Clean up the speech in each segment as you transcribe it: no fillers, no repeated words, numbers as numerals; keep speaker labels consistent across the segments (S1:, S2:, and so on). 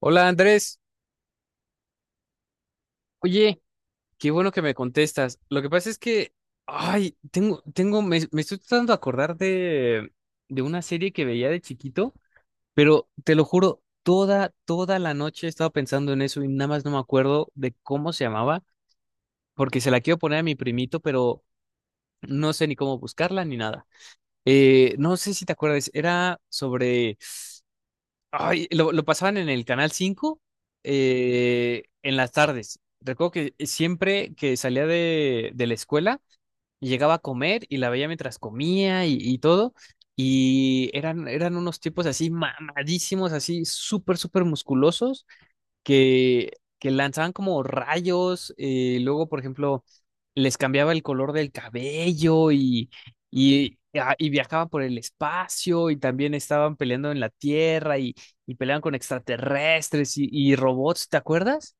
S1: Hola Andrés, oye, qué bueno que me contestas. Lo que pasa es que, ay, me estoy tratando de acordar de una serie que veía de chiquito, pero te lo juro, toda la noche he estado pensando en eso y nada más no me acuerdo de cómo se llamaba, porque se la quiero poner a mi primito, pero no sé ni cómo buscarla ni nada. No sé si te acuerdas, era sobre. Ay, lo pasaban en el Canal cinco, en las tardes. Recuerdo que siempre que salía de la escuela, llegaba a comer y la veía mientras comía y todo. Y eran unos tipos así mamadísimos, así súper musculosos que, que lanzaban como rayos, luego, por ejemplo, les cambiaba el color del cabello y, ah, y viajaban por el espacio y también estaban peleando en la Tierra y peleaban con extraterrestres y robots, ¿te acuerdas?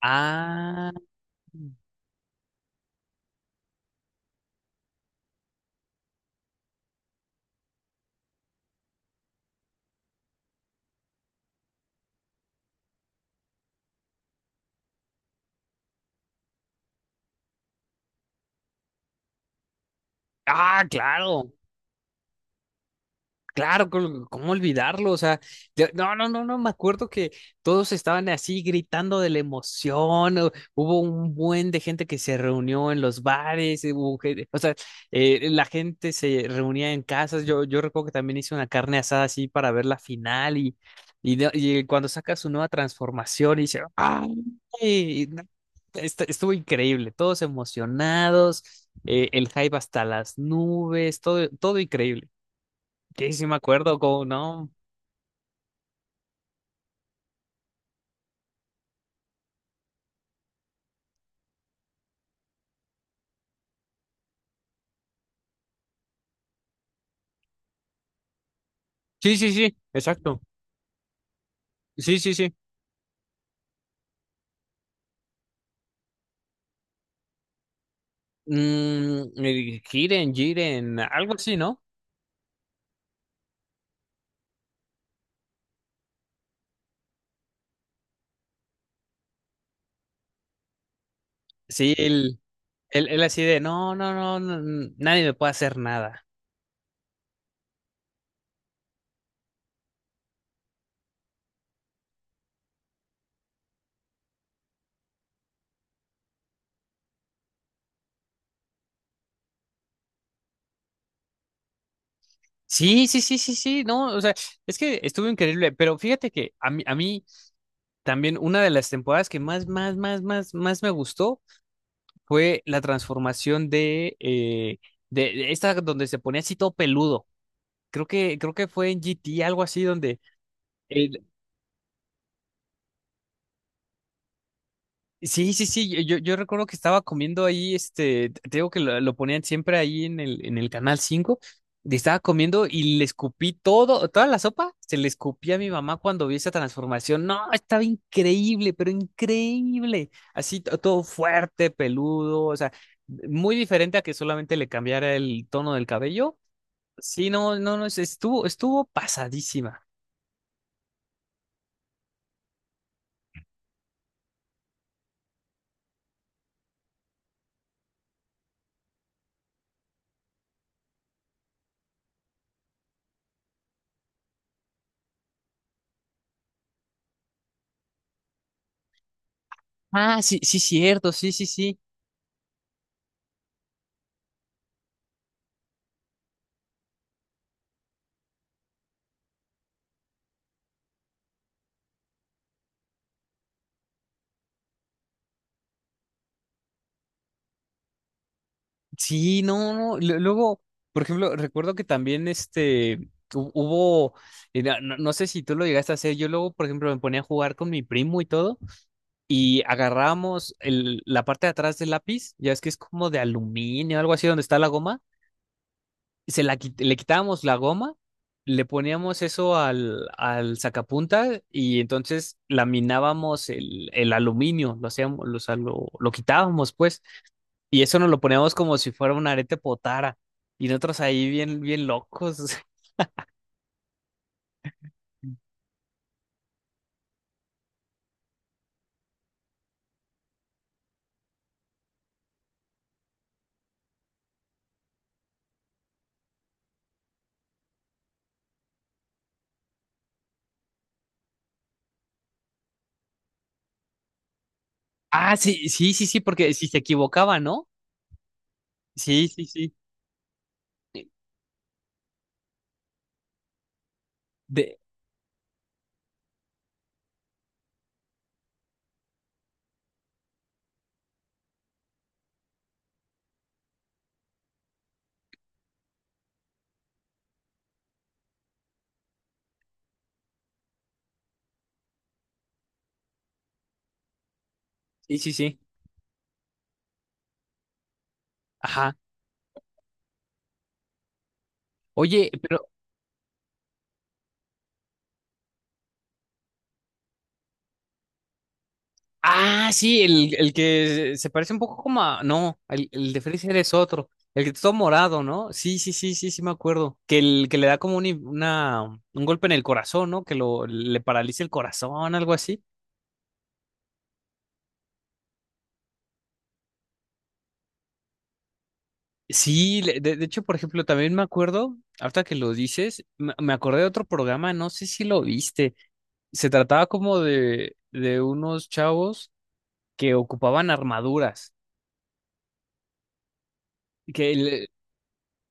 S1: Ah, claro. Claro, ¿cómo olvidarlo? O sea, no, no, no, no, me acuerdo que todos estaban así gritando de la emoción, hubo un buen de gente que se reunió en los bares, hubo o sea, la gente se reunía en casas, yo recuerdo que también hice una carne asada así para ver la final y, y cuando saca su nueva transformación y dice, ¡ay! No, estuvo increíble, todos emocionados, el hype hasta las nubes, todo increíble. Sí, sí me acuerdo, como no. Sí, sí, sí, exacto. Sí, sí, sí. Mm, el Jiren, Jiren, algo así, ¿no? Sí, él, él así de, no, no, no, no, nadie me puede hacer nada. Sí, sí, sí, sí, sí, no, o sea, es que estuvo increíble, pero fíjate que a mí también una de las temporadas que más me gustó fue la transformación de, de esta donde se ponía así todo peludo. Creo que fue en GT, algo así, donde... eh, sí, sí, sí, yo recuerdo que estaba comiendo ahí, este, te digo que lo ponían siempre ahí en en el canal 5. Y estaba comiendo y le escupí todo, toda la sopa, se le escupí a mi mamá cuando vi esa transformación, no, estaba increíble, pero increíble, así todo fuerte, peludo, o sea, muy diferente a que solamente le cambiara el tono del cabello, sí, no, no, no, estuvo, estuvo pasadísima. Ah, sí, sí, cierto, sí, sí, sí. Sí, no, no. Luego, por ejemplo, recuerdo que también este hubo, no, no sé si tú lo llegaste a hacer. Yo luego, por ejemplo, me ponía a jugar con mi primo y todo, y agarrábamos la parte de atrás del lápiz, ya es que es como de aluminio, algo así donde está la goma, y se la le quitábamos la goma, le poníamos eso al, al sacapunta, y entonces laminábamos el aluminio, lo hacíamos, lo, o sea, lo quitábamos, pues. Y eso nos lo poníamos como si fuera un arete potara. Y nosotros ahí bien, bien locos. Ah, sí, sí, sí, sí, porque si se equivocaba, ¿no? Sí, sí, sí. De... Sí, sí, sí. Ajá. Oye, pero. Ah, sí, el que se parece un poco como a. No, el de Freezer es otro. El que está todo morado, ¿no? Sí, sí, sí, sí, sí, me acuerdo. Que el que le da como un, una, un golpe en el corazón, ¿no? Que lo, le paraliza el corazón, algo así. Sí, de hecho, por ejemplo, también me acuerdo, ahorita que lo dices, me acordé de otro programa, no sé si lo viste. Se trataba como de unos chavos que ocupaban armaduras. Que le-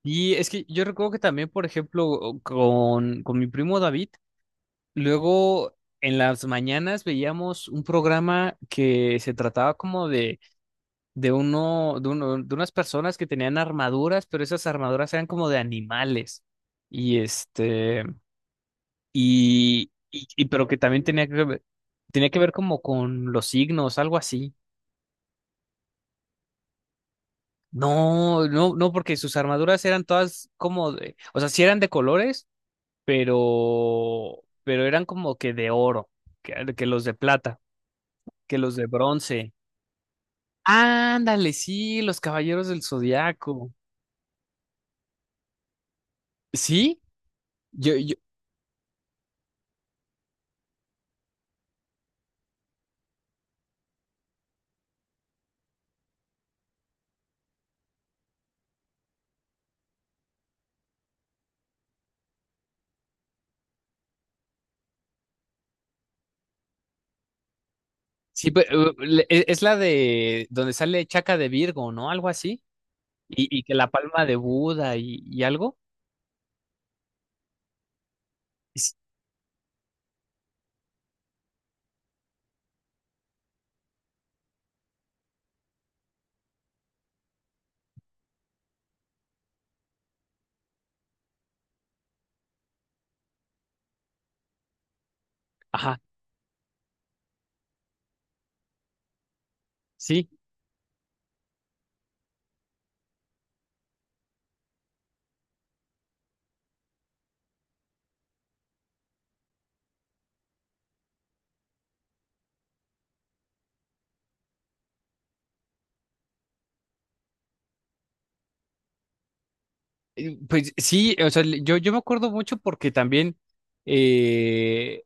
S1: y es que yo recuerdo que también, por ejemplo, con mi primo David, luego en las mañanas veíamos un programa que se trataba como de, de unas personas que tenían armaduras, pero esas armaduras eran como de animales. Y este. Y, pero que también tenía que ver como con los signos, algo así. No, no, no, porque sus armaduras eran todas como de, o sea, sí eran de colores, pero eran como que de oro, que los de plata, que los de bronce. Ándale, sí, los Caballeros del Zodiaco. ¿Sí? Yo, sí, pero, es la de donde sale Chaca de Virgo, ¿no? Algo así. Y que la palma de Buda y algo. Es- Ajá. Sí, pues sí, o sea, yo, yo me acuerdo mucho porque también, eh,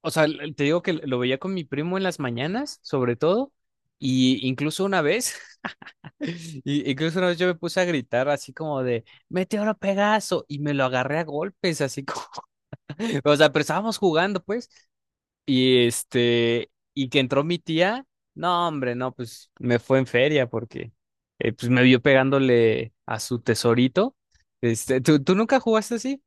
S1: o sea, te digo que lo veía con mi primo en las mañanas, sobre todo, y incluso una vez, incluso una vez yo me puse a gritar así como de, Meteoro Pegaso, y me lo agarré a golpes, así como, o sea, pero estábamos jugando, pues. Y este, y que entró mi tía, no, hombre, no, pues me fue en feria porque pues me vio pegándole a su tesorito. Este, tú nunca jugaste así?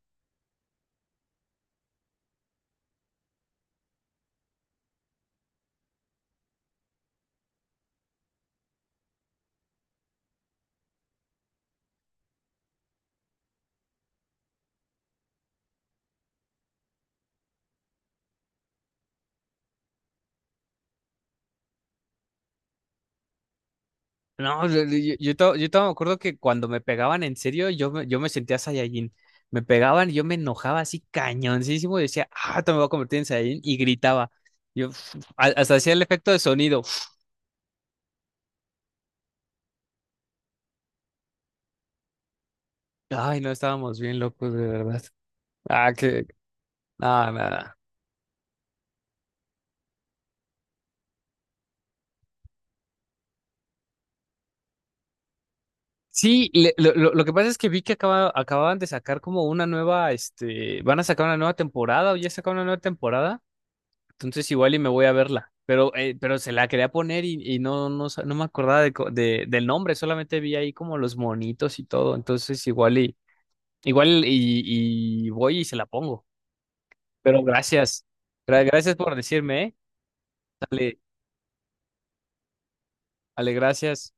S1: No, yo todavía me acuerdo que cuando me pegaban en serio, yo me sentía Saiyajin. Me pegaban y yo me enojaba así cañoncísimo y decía, ah, te me voy a convertir en Saiyajin y gritaba. Yo "Uf", hasta hacía el efecto de sonido. "Uf". Ay, no estábamos bien locos, de verdad. Ah, que, nada, nada. Sí, lo que pasa es que vi que acababan de sacar como una nueva, este, van a sacar una nueva temporada o ya sacaron una nueva temporada, entonces igual y me voy a verla, pero se la quería poner y no, no, no me acordaba de, del nombre, solamente vi ahí como los monitos y todo, entonces igual y, igual y voy y se la pongo, pero gracias. Gracias por decirme, ¿eh? Dale, dale, gracias.